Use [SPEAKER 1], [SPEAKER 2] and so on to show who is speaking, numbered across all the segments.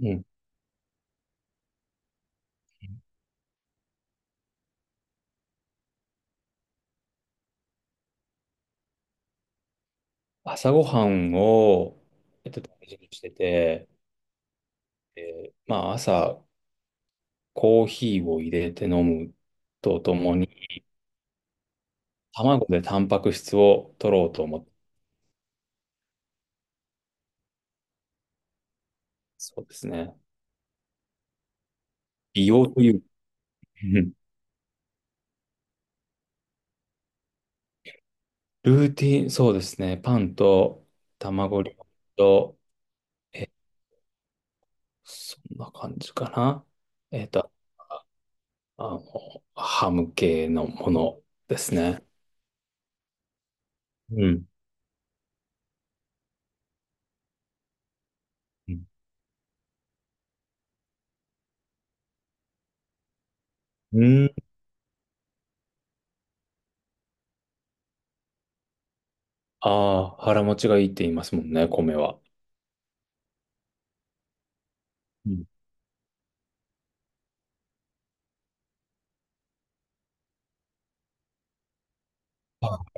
[SPEAKER 1] うん。朝ごはんを、大事にしてて、えまあ、朝、コーヒーを入れて飲むとともに、卵でタンパク質を取ろうと思って、そうですね。美容という、うん、ルーティン、そうですね。パンと卵料理と、え、そんな感じかな。えっと、あの、ハム系のものですね。うん。うん。うん、ああ、腹持ちがいいって言いますもんね、米は。うん。あ、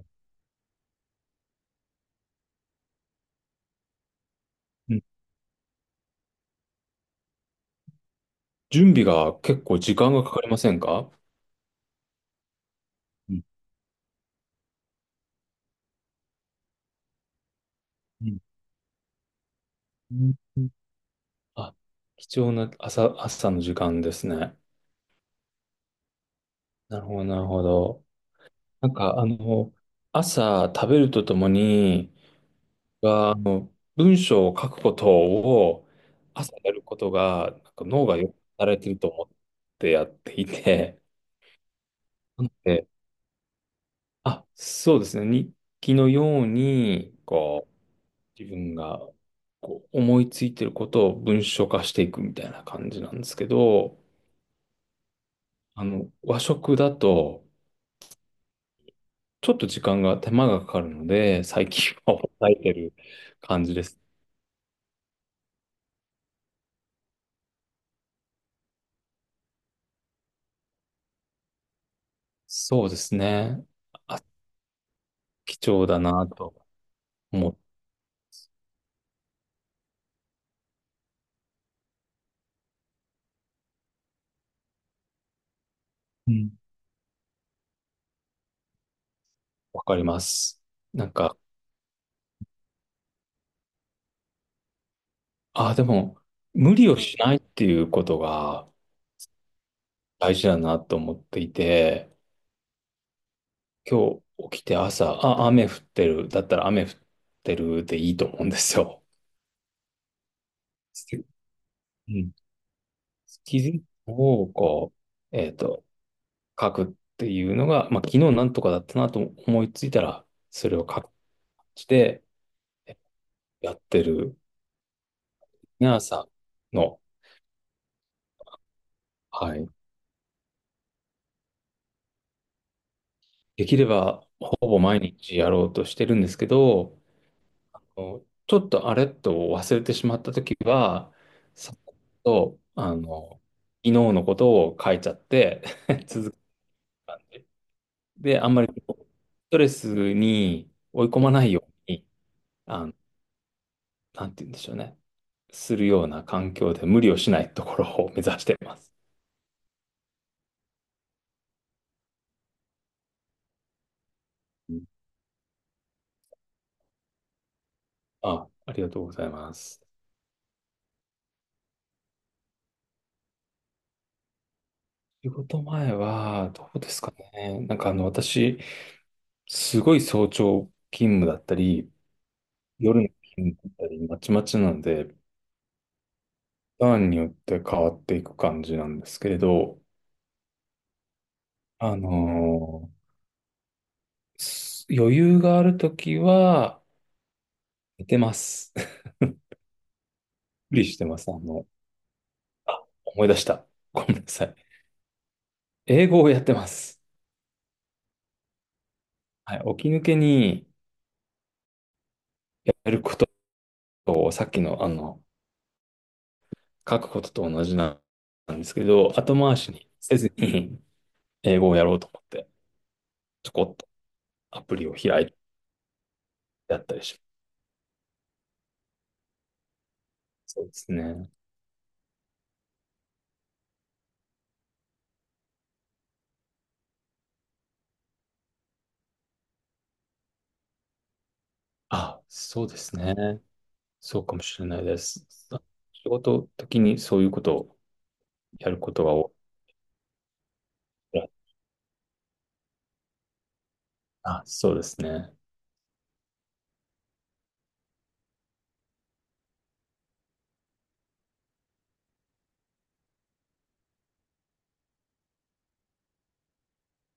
[SPEAKER 1] うん、準備が結構時間がかかりませんか？うん。うん。うん。うん。あ、貴重な朝の時間ですね。なるほど、なるほど。なんか、朝食べるとともに、が、あの、文章を書くことを朝やることが、なんか脳がよく働いてると思ってやっていて、なので、あ、そうですね。日記のように、こう、自分がこう思いついてることを文章化していくみたいな感じなんですけど、和食だと、ちょっと時間が、手間がかかるので、最近は抑えてる感じです。そうですね。あ、貴重だなと思って、うん、わかります。なんか、あ、でも、無理をしないっていうことが大事だなと思っていて、今日起きて朝、あ、雨降ってる、だったら雨降ってるでいいと思うんですよ。スキうん。スキルを、こう、書くっていうのが、まあ、昨日なんとかだったなと思いついたら、それを書くして、やってる、皆さんの、はい。できれば、ほぼ毎日やろうとしてるんですけど、ちょっとあれっと忘れてしまったときは、さっと、昨日のことを書いちゃって 続けて、あんまりストレスに追い込まないように、あのなんて言うんでしょうね。するような環境で無理をしないところを目指しています。うん。あ、ありがとうございます。仕事前は、どうですかね。なんか私、すごい早朝勤務だったり、夜の勤務だったり、まちまちなので、ターンによって変わっていく感じなんですけれど、あのーす余裕があるときは、寝てます。無理してます。あ、思い出した。ごめんなさい。英語をやってます。はい、起き抜けにやることを、さっきの、書くことと同じなんですけど、後回しにせずに 英語をやろうと思って、ちょこっとアプリを開いてやったりします。そうですね。あ、そうですね。そうかもしれないです。あ、仕事的にそういうことをやることが多い。あ、そうですね。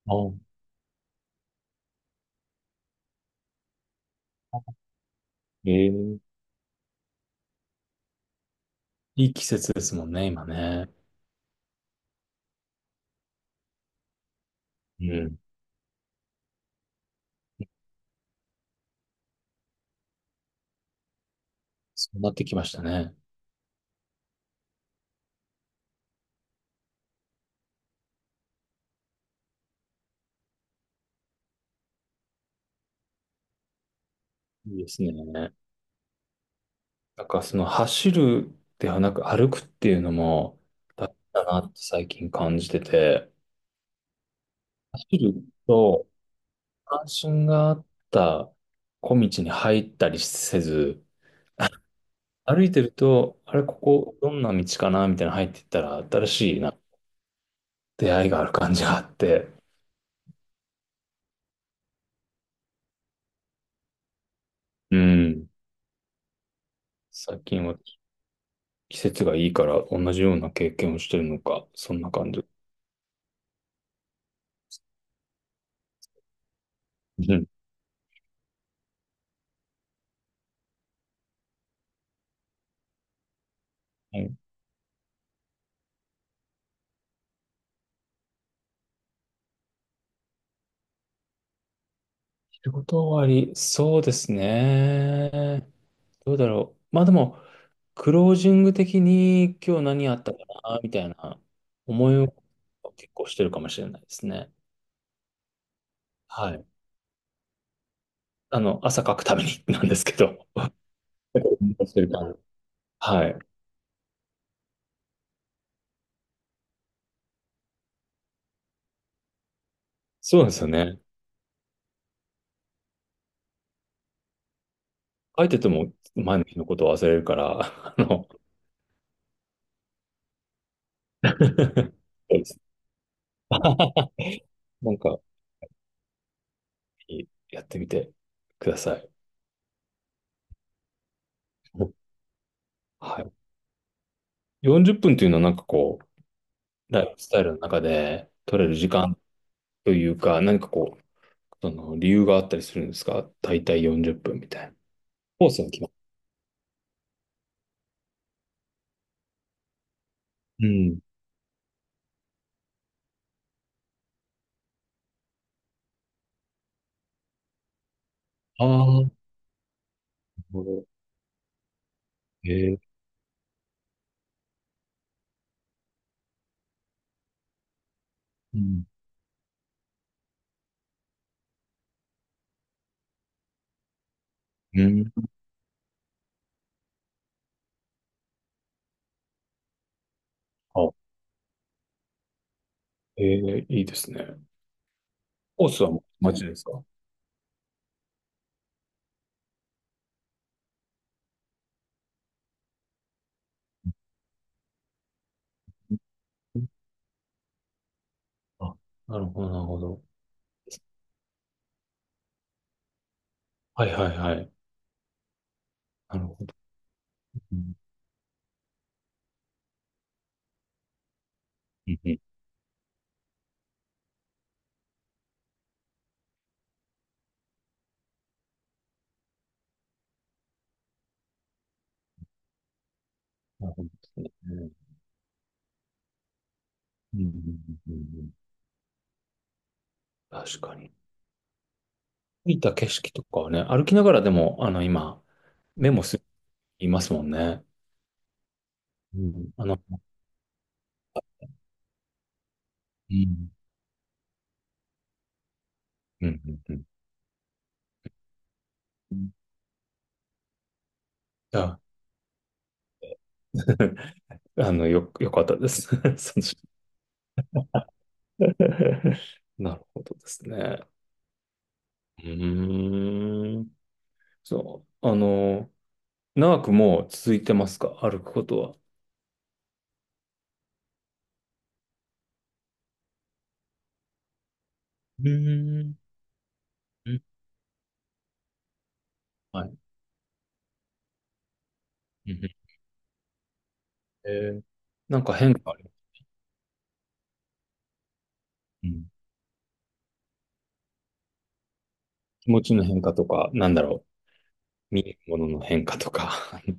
[SPEAKER 1] あ、ええ、いい季節ですもんね、今ね。うん。そうなってきましたね。いいですね。なんかその走るではなく歩くっていうのもだったなって最近感じてて、走ると関心があった小道に入ったりせず、歩いてると、あれ、ここどんな道かなみたいな入っていったら新しいな出会いがある感じがあって、うん。最近は季節がいいから同じような経験をしてるのか、そんな感じ。うん。うん。仕事終わり、そうですね。どうだろう。まあでも、クロージング的に今日何あったかな、みたいな思いを結構してるかもしれないですね。はい。朝書くために なんですけど。思い出してるから。はい。そうなんですよね。書いてても前の日のことを忘れるから、そうです なんか、やってみてください。はい。40分というのはなんかこう、ライフスタイルの中で取れる時間というか、何かこう、その理由があったりするんですか？大体40分みたいな。コースは決まっ、うん。ああ、なるほど。ええ。うん。うん。あ、ええ、いいですね。コースはもう街ですか？うん。あ、なるほど、なるほど。はい、はい、はい。なるほど。うん。うん、うん、なるほどですね。うん、うん、うん、うん、うん、確かに。見た景色とかはね、歩きながらでも、今、メモす、いますもんね。うん。うん。うん、うん、うん。じゃあ、よかったです。その なるほどですね。うーん。そう。長くもう続いてますか？歩くことは。うーん。うん、はい。うん、えーなんか変化ある？うん、気持ちの変化とか、なんだろう。見えるものの変化とか。